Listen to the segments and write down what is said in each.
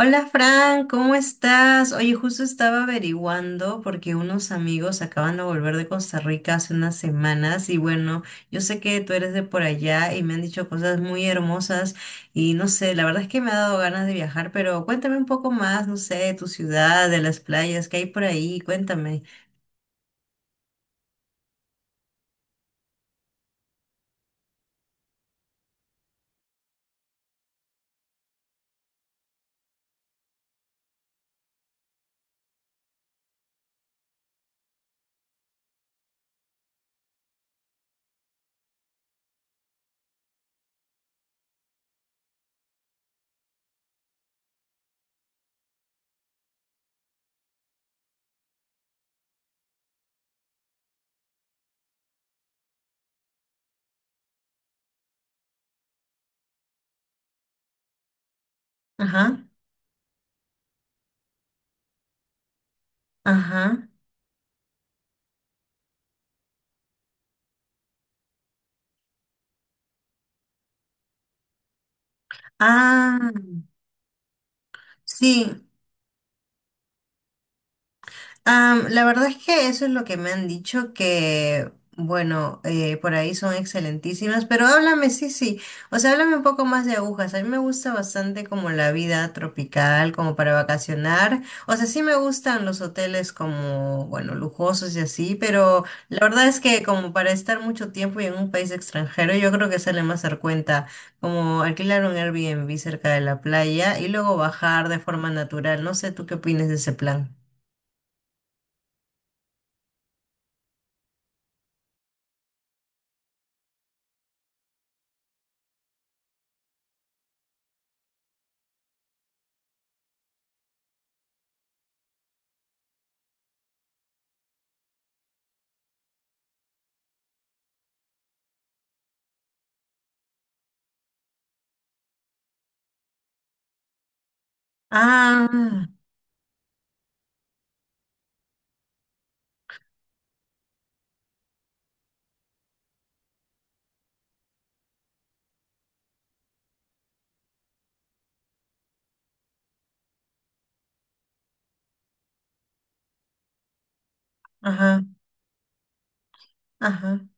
Hola Fran, ¿cómo estás? Oye, justo estaba averiguando porque unos amigos acaban de volver de Costa Rica hace unas semanas y bueno, yo sé que tú eres de por allá y me han dicho cosas muy hermosas y no sé, la verdad es que me ha dado ganas de viajar, pero cuéntame un poco más, no sé, de tu ciudad, de las playas que hay por ahí, cuéntame. Ajá, ajá. Ah, sí. La verdad es que eso es lo que me han dicho, que bueno, por ahí son excelentísimas, pero háblame, sí, sí, o sea, háblame un poco más de agujas. A mí me gusta bastante como la vida tropical, como para vacacionar. O sea, sí me gustan los hoteles como, bueno, lujosos y así, pero la verdad es que como para estar mucho tiempo y en un país extranjero, yo creo que sale más dar cuenta como alquilar un Airbnb cerca de la playa y luego bajar de forma natural. No sé, ¿tú qué opinas de ese plan? Ah, ajá, ajá.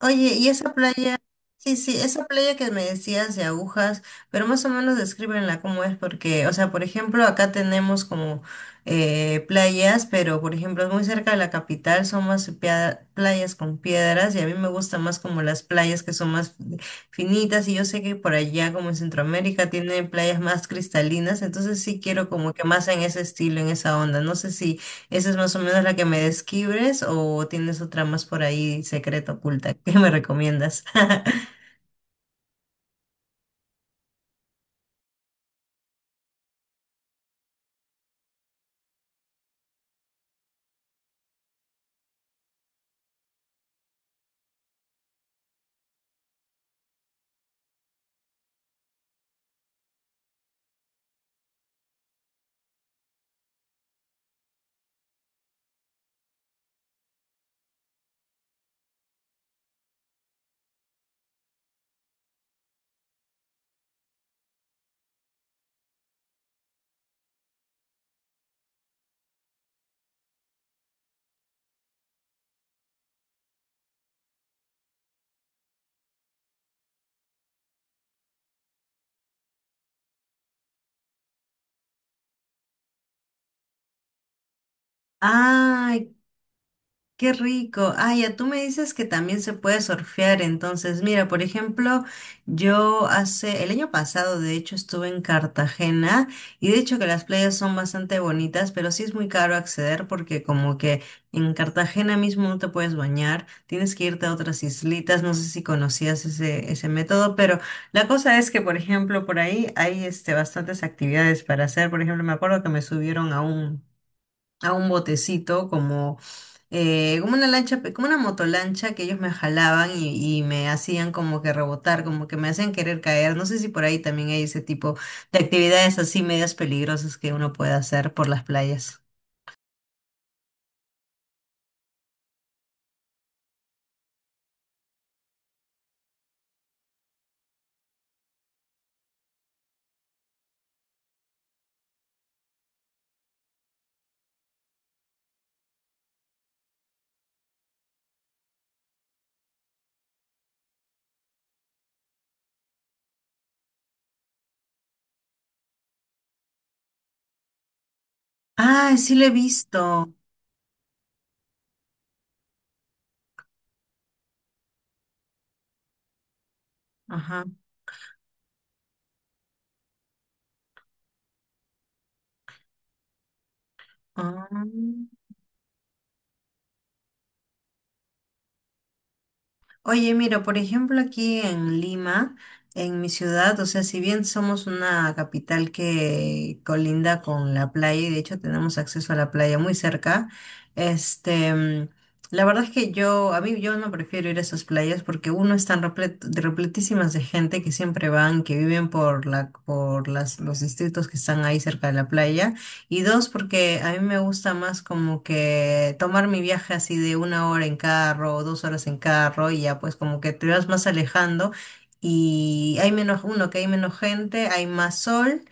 Oye, y esa playa, sí, sí, esa playa que me decías de agujas, pero más o menos descríbenla cómo es, porque, o sea, por ejemplo, acá tenemos como playas, pero por ejemplo, muy cerca de la capital son más playas con piedras, y a mí me gusta más como las playas que son más finitas, y yo sé que por allá, como en Centroamérica, tienen playas más cristalinas, entonces sí quiero como que más en ese estilo, en esa onda. No sé si ¿esa es más o menos la que me describes o tienes otra más por ahí secreta oculta que me recomiendas? Ay, qué rico. Ah, ya tú me dices que también se puede surfear. Entonces, mira, por ejemplo, yo hace el año pasado, de hecho, estuve en Cartagena y de hecho que las playas son bastante bonitas, pero sí es muy caro acceder porque como que en Cartagena mismo no te puedes bañar, tienes que irte a otras islitas. No sé si conocías ese, ese método, pero la cosa es que, por ejemplo, por ahí hay este, bastantes actividades para hacer. Por ejemplo, me acuerdo que me subieron a un botecito como, como una lancha, como una motolancha que ellos me jalaban y me hacían como que rebotar, como que me hacían querer caer. No sé si por ahí también hay ese tipo de actividades así medias peligrosas que uno puede hacer por las playas. Ah, sí lo he visto. Ajá. Ah. Oye, mira, por ejemplo, aquí en Lima, en mi ciudad, o sea, si bien somos una capital que colinda con la playa y de hecho tenemos acceso a la playa muy cerca, este, mm, la verdad es que yo, a mí yo no prefiero ir a esas playas porque uno están repletísimas de gente que siempre van, que viven por por las, los distritos que están ahí cerca de la playa. Y dos, porque a mí me gusta más como que tomar mi viaje así de una hora en carro o dos horas en carro y ya pues como que te vas más alejando y hay menos, uno, que hay menos gente, hay más sol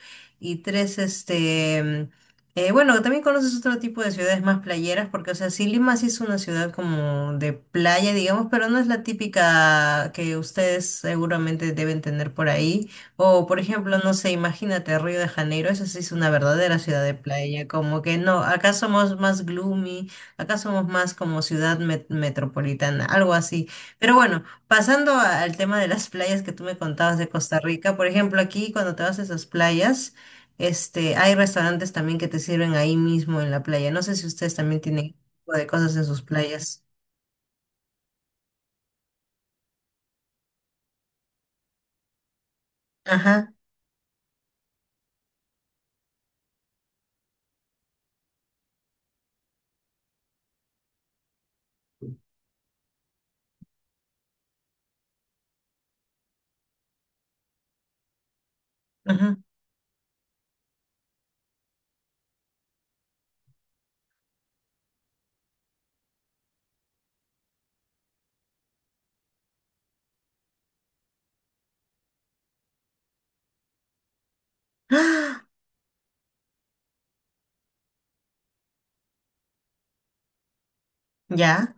y tres, bueno, también conoces otro tipo de ciudades más playeras, porque, o sea, sí, Lima sí es una ciudad como de playa, digamos, pero no es la típica que ustedes seguramente deben tener por ahí. O, por ejemplo, no sé, imagínate Río de Janeiro, esa sí es una verdadera ciudad de playa, como que no, acá somos más gloomy, acá somos más como ciudad metropolitana, algo así. Pero bueno, pasando al tema de las playas que tú me contabas de Costa Rica, por ejemplo, aquí cuando te vas a esas playas, este, hay restaurantes también que te sirven ahí mismo en la playa. No sé si ustedes también tienen ese tipo de cosas en sus playas. Ajá, ajá. ¡Ah! Ya,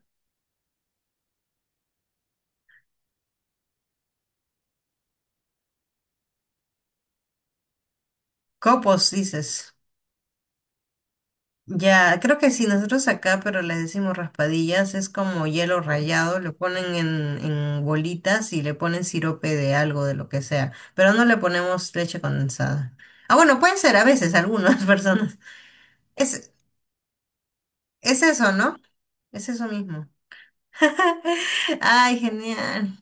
copos, dices. Ya, creo que sí, nosotros acá, pero les decimos raspadillas, es como hielo rallado, lo ponen en bolitas y le ponen sirope de algo, de lo que sea, pero no le ponemos leche condensada. Ah, bueno, pueden ser a veces algunas personas. Es, es eso, ¿no? Es eso mismo. Ay, genial.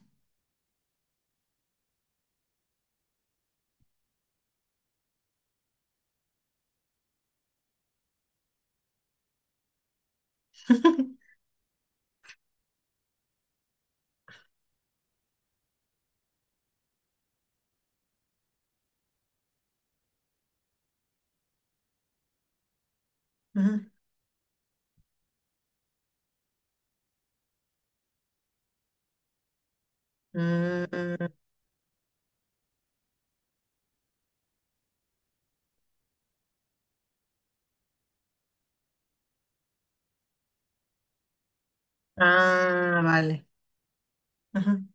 Ujú. Mm, ah, vale. Ujú.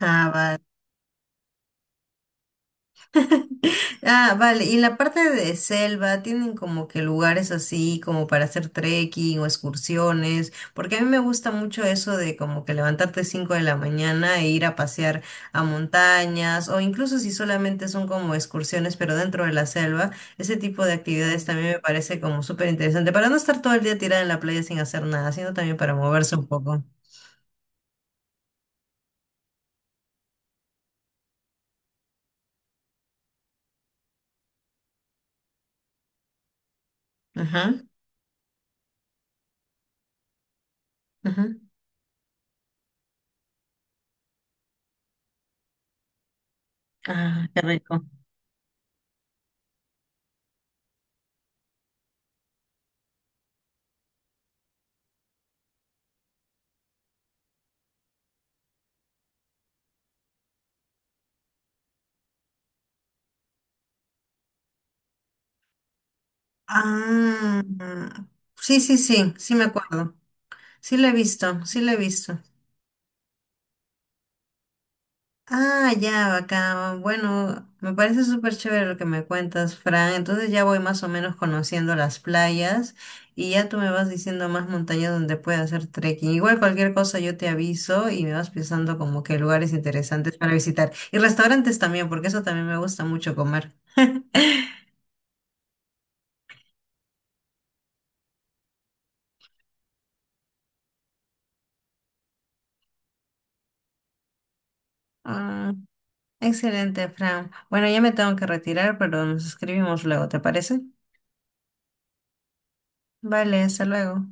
Ah, vale. Ah, vale. Y en la parte de selva tienen como que lugares así como para hacer trekking o excursiones, porque a mí me gusta mucho eso de como que levantarte 5 de la mañana e ir a pasear a montañas o incluso si solamente son como excursiones pero dentro de la selva, ese tipo de actividades Mm. también me parece como súper interesante para no estar todo el día tirada en la playa sin hacer nada, sino también para moverse un poco. Ajá, ajá. Ah, qué rico. Ah, sí, sí, sí, sí me acuerdo. Sí lo he visto, sí lo he visto. Ah, ya, bacán. Bueno, me parece súper chévere lo que me cuentas, Fran. Entonces ya voy más o menos conociendo las playas y ya tú me vas diciendo más montañas donde pueda hacer trekking. Igual cualquier cosa yo te aviso y me vas pensando como que lugares interesantes para visitar. Y restaurantes también, porque eso también me gusta mucho comer. Ah, excelente, Fran. Bueno, ya me tengo que retirar, pero nos escribimos luego, ¿te parece? Vale, hasta luego.